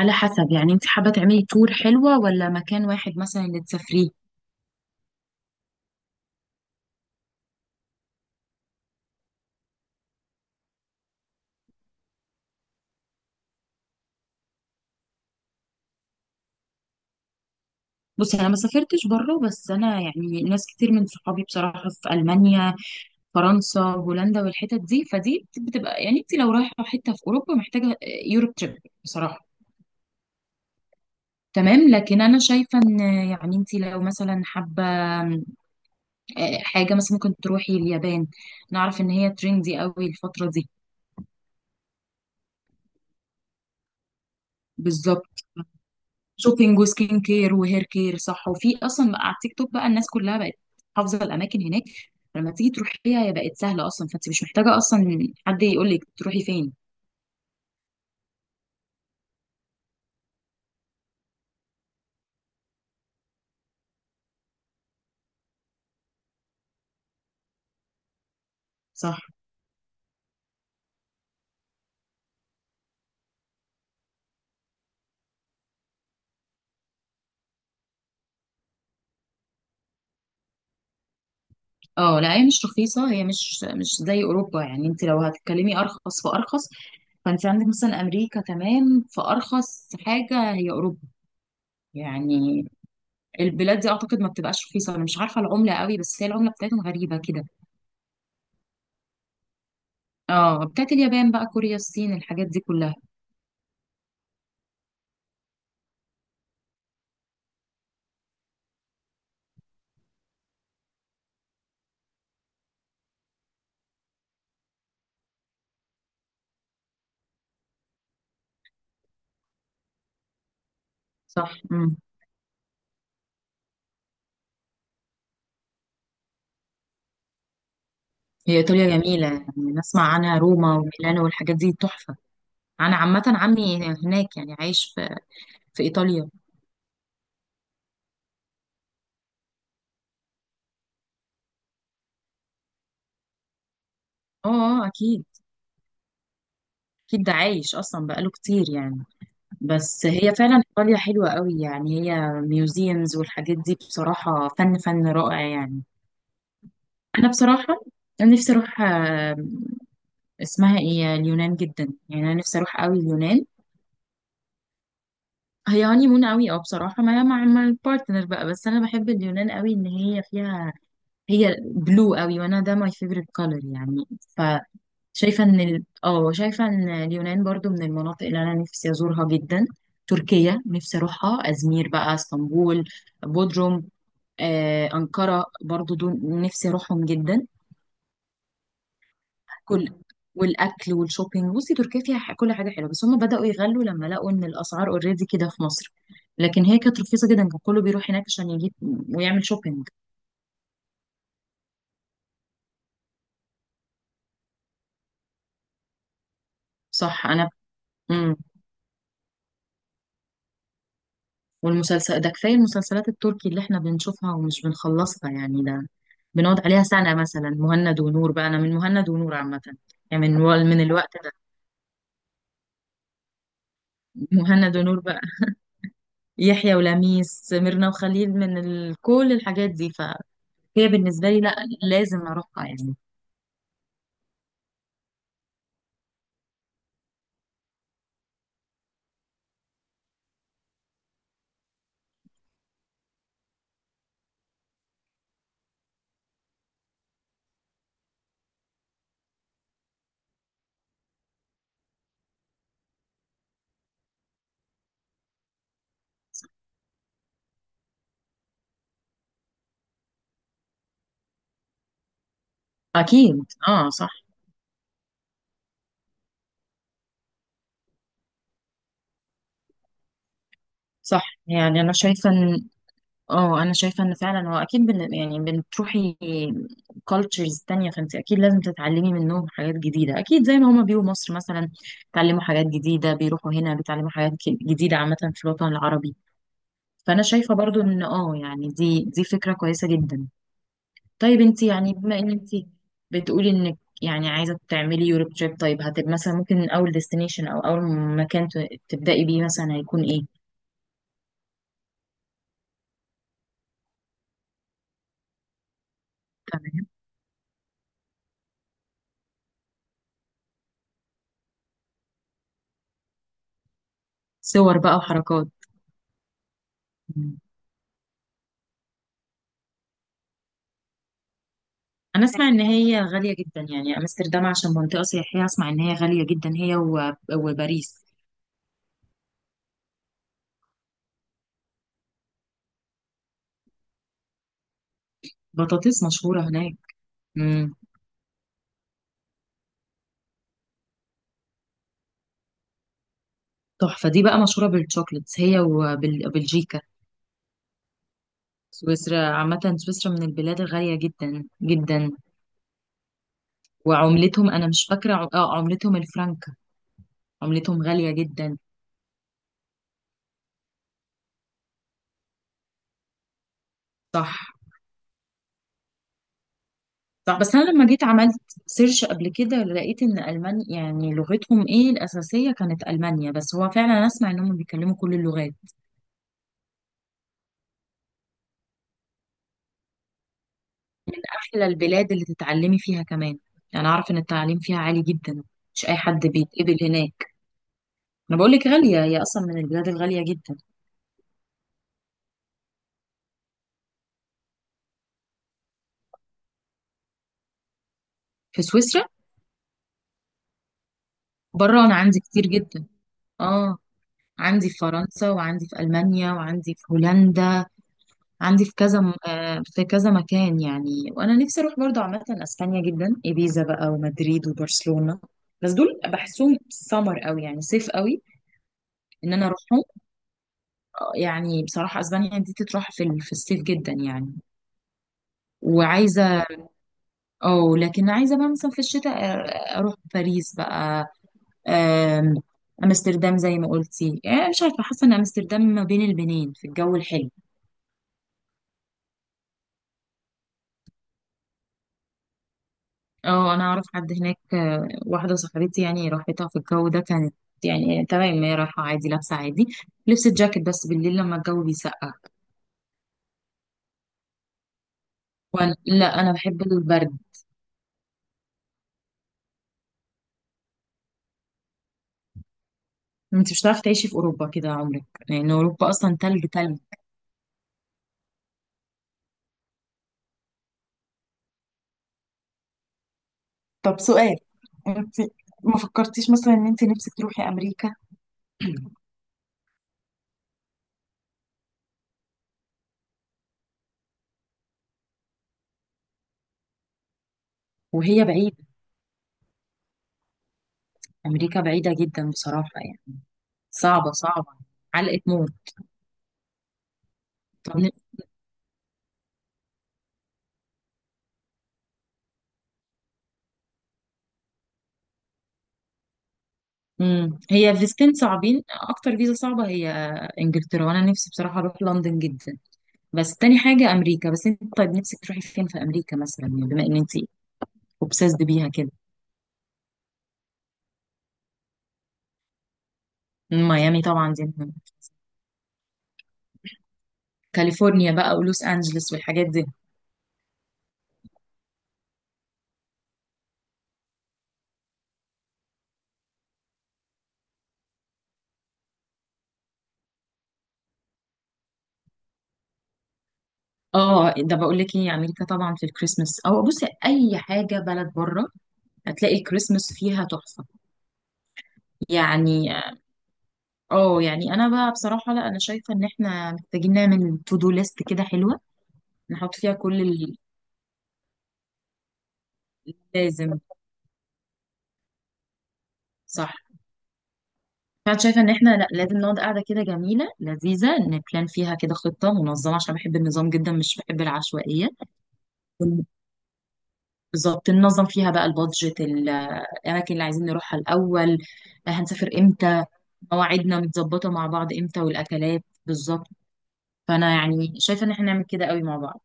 على حسب، يعني انت حابة تعملي تور حلوة ولا مكان واحد مثلا اللي تسافريه؟ بصي، انا ما سافرتش بره، بس انا يعني ناس كتير من صحابي بصراحة في المانيا، فرنسا، هولندا، والحتت دي، فدي بتبقى يعني انت لو رايحة حتة في اوروبا محتاجة يوروب تريب بصراحة. تمام. لكن انا شايفة ان يعني انت لو مثلا حابة حاجة مثلا، ممكن تروحي اليابان. نعرف ان هي تريندي قوي الفترة دي. بالظبط. شوبينج وسكين كير وهير كير، صح، وفي اصلا بقى على التيك توك بقى الناس كلها بقت حافظه الاماكن هناك. لما تيجي تروحيها هي بقت سهله اصلا، فانت مش محتاجه اصلا حد يقول لك تروحي فين. صح. اه، لا، هي مش رخيصه، هي مش زي اوروبا، يعني انت لو هتتكلمي ارخص فارخص، فانت عندك مثلا امريكا، تمام، فارخص حاجه هي اوروبا يعني. البلاد دي اعتقد ما بتبقاش رخيصه. انا مش عارفه العمله قوي، بس هي العمله بتاعتهم غريبه كده. اه، بتاعت اليابان بقى، كوريا، الصين، الحاجات دي كلها. صح، هي إيطاليا جميلة، يعني نسمع عنها روما وميلانو والحاجات دي تحفة. أنا عامة عمي هناك يعني، عايش في إيطاليا. اه، أكيد. أكيد ده عايش أصلا بقاله كتير يعني. بس هي فعلا إيطاليا حلوة قوي، يعني هي ميوزيمز والحاجات دي بصراحة فن فن رائع يعني. أنا بصراحة، أنا نفسي أروح، اسمها إيه، اليونان جدا، يعني أنا نفسي أروح قوي اليونان. هي هاني مون قوي، اه بصراحة، مع البارتنر بقى، بس أنا بحب اليونان قوي إن هي فيها، هي بلو قوي، وانا ده ماي فيفورت كولر يعني. فشايفه ان ال... اه شايفه ان اليونان برضو من المناطق اللي انا نفسي ازورها جدا. تركيا نفسي اروحها، ازمير بقى، اسطنبول، بودروم، أنقرة، برضو دول نفسي أروحهم جدا. كل والأكل والشوبينج، بصي تركيا فيها كل حاجة حلوة، بس هم بدأوا يغلوا لما لقوا إن الأسعار أوريدي كده في مصر. لكن هي كانت رخيصة جدا، كان كله بيروح هناك عشان يجيب ويعمل شوبينج. صح. والمسلسل ده، كفاية المسلسلات التركي اللي احنا بنشوفها ومش بنخلصها يعني، ده بنقعد عليها سنة مثلا. مهند ونور بقى، أنا من مهند ونور عامة، يعني من الوقت ده. مهند ونور بقى، يحيى ولميس، ميرنا وخليل، كل الحاجات دي، فهي بالنسبة لي لا، لازم أروحها يعني. أكيد، اه، صح. صح، يعني أنا شايفة إن فعلا هو أكيد يعني بتروحي كالتشرز تانية، فانت اكيد لازم تتعلمي منهم حاجات جديدة، اكيد زي ما هما بيجوا مصر مثلا بيتعلموا حاجات جديدة، بيروحوا هنا بيتعلموا حاجات جديدة عامة في الوطن العربي. فانا شايفة برضو ان يعني دي فكرة كويسة جدا. طيب انت يعني بما ان انت بتقولي انك يعني عايزة تعملي يوروب تريب، طيب هتبقى مثلا ممكن اول ديستنيشن او اول مكان تبدأي بيه مثلا هيكون ايه؟ تمام. صور بقى وحركات. انا اسمع ان هي غالية جدا يعني امستردام عشان منطقة سياحية، اسمع ان هي غالية جدا، هي وباريس. بطاطس مشهورة هناك. امم. تحفة، دي بقى مشهورة بالشوكليتس هي وبلجيكا. سويسرا، عامة سويسرا من البلاد الغالية جدا جدا. وعملتهم، انا مش فاكرة عملتهم الفرنك، عملتهم غالية جدا. صح، صح. بس انا لما جيت عملت سيرش قبل كده، لقيت ان المانيا يعني لغتهم ايه الاساسية كانت المانيا، بس هو فعلا أنا اسمع انهم بيتكلموا كل اللغات. من أحلى البلاد اللي تتعلمي فيها كمان، يعني أعرف إن التعليم فيها عالي جدا. مش أي حد بيتقبل هناك. أنا بقول لك غالية، هي أصلا من البلاد الغالية جدا. في سويسرا. بره أنا عندي كتير جدا، آه عندي في فرنسا وعندي في ألمانيا وعندي في هولندا. عندي في كذا مكان يعني. وأنا نفسي أروح برضه عامة أسبانيا جدا، إيبيزا بقى، ومدريد، وبرشلونة، بس دول بحسهم سمر قوي يعني صيف قوي ان انا اروحهم. يعني بصراحه اسبانيا دي تتروح في الصيف جدا يعني. وعايزه، اه لكن عايزه بقى مثلا في الشتاء اروح باريس بقى. آم، امستردام زي ما قلتي، مش عارفه، حاسه ان امستردام ما بين البنين في الجو الحلو. اه، انا اعرف حد هناك، واحده صاحبتي يعني راحتها في الجو ده كانت يعني تمام، هي رايحه عادي، لابسه عادي، لبست جاكيت بس بالليل لما الجو بيسقع. وانا لا، انا بحب البرد. انت مش هتعرفي تعيشي في اوروبا كده عمرك، لان اوروبا اصلا تلج تلج. طب سؤال، انت ما فكرتيش مثلا ان انت نفسك تروحي امريكا؟ وهي بعيدة. أمريكا بعيدة جدا بصراحة يعني. صعبة صعبة، علقة موت. طب هي فيزتين صعبين، أكتر فيزا صعبة هي إنجلترا، وأنا نفسي بصراحة أروح لندن جدا، بس تاني حاجة أمريكا. بس أنت، طيب نفسك تروحي فين في أمريكا مثلا، يعني بما إن أنت أوبسيسد بيها كده؟ ميامي طبعا، دي مهمة. كاليفورنيا بقى، ولوس أنجلوس، والحاجات دي. اه، ده بقول لك ايه، امريكا طبعا في الكريسماس، او بصي اي حاجه بلد بره هتلاقي الكريسماس فيها تحفه يعني. اه، يعني انا بقى بصراحه، لا، انا شايفه ان احنا محتاجين نعمل تو دو ليست كده حلوه، نحط فيها كل اللي لازم. صح. فانا شايفه ان احنا، لا، لازم نقعد قاعده كده جميله لذيذه، نبلان فيها كده خطه منظمه، عشان بحب النظام جدا، مش بحب العشوائيه. ون- بالظبط، ننظم فيها بقى البادجت، الاماكن اللي عايزين نروحها الاول، هنسافر امتى، مواعيدنا متظبطه مع بعض امتى، والاكلات بالظبط. فانا يعني شايفه ان احنا نعمل كده قوي مع بعض.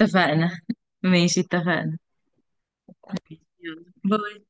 اتفقنا ماشي، اتفقنا. باي.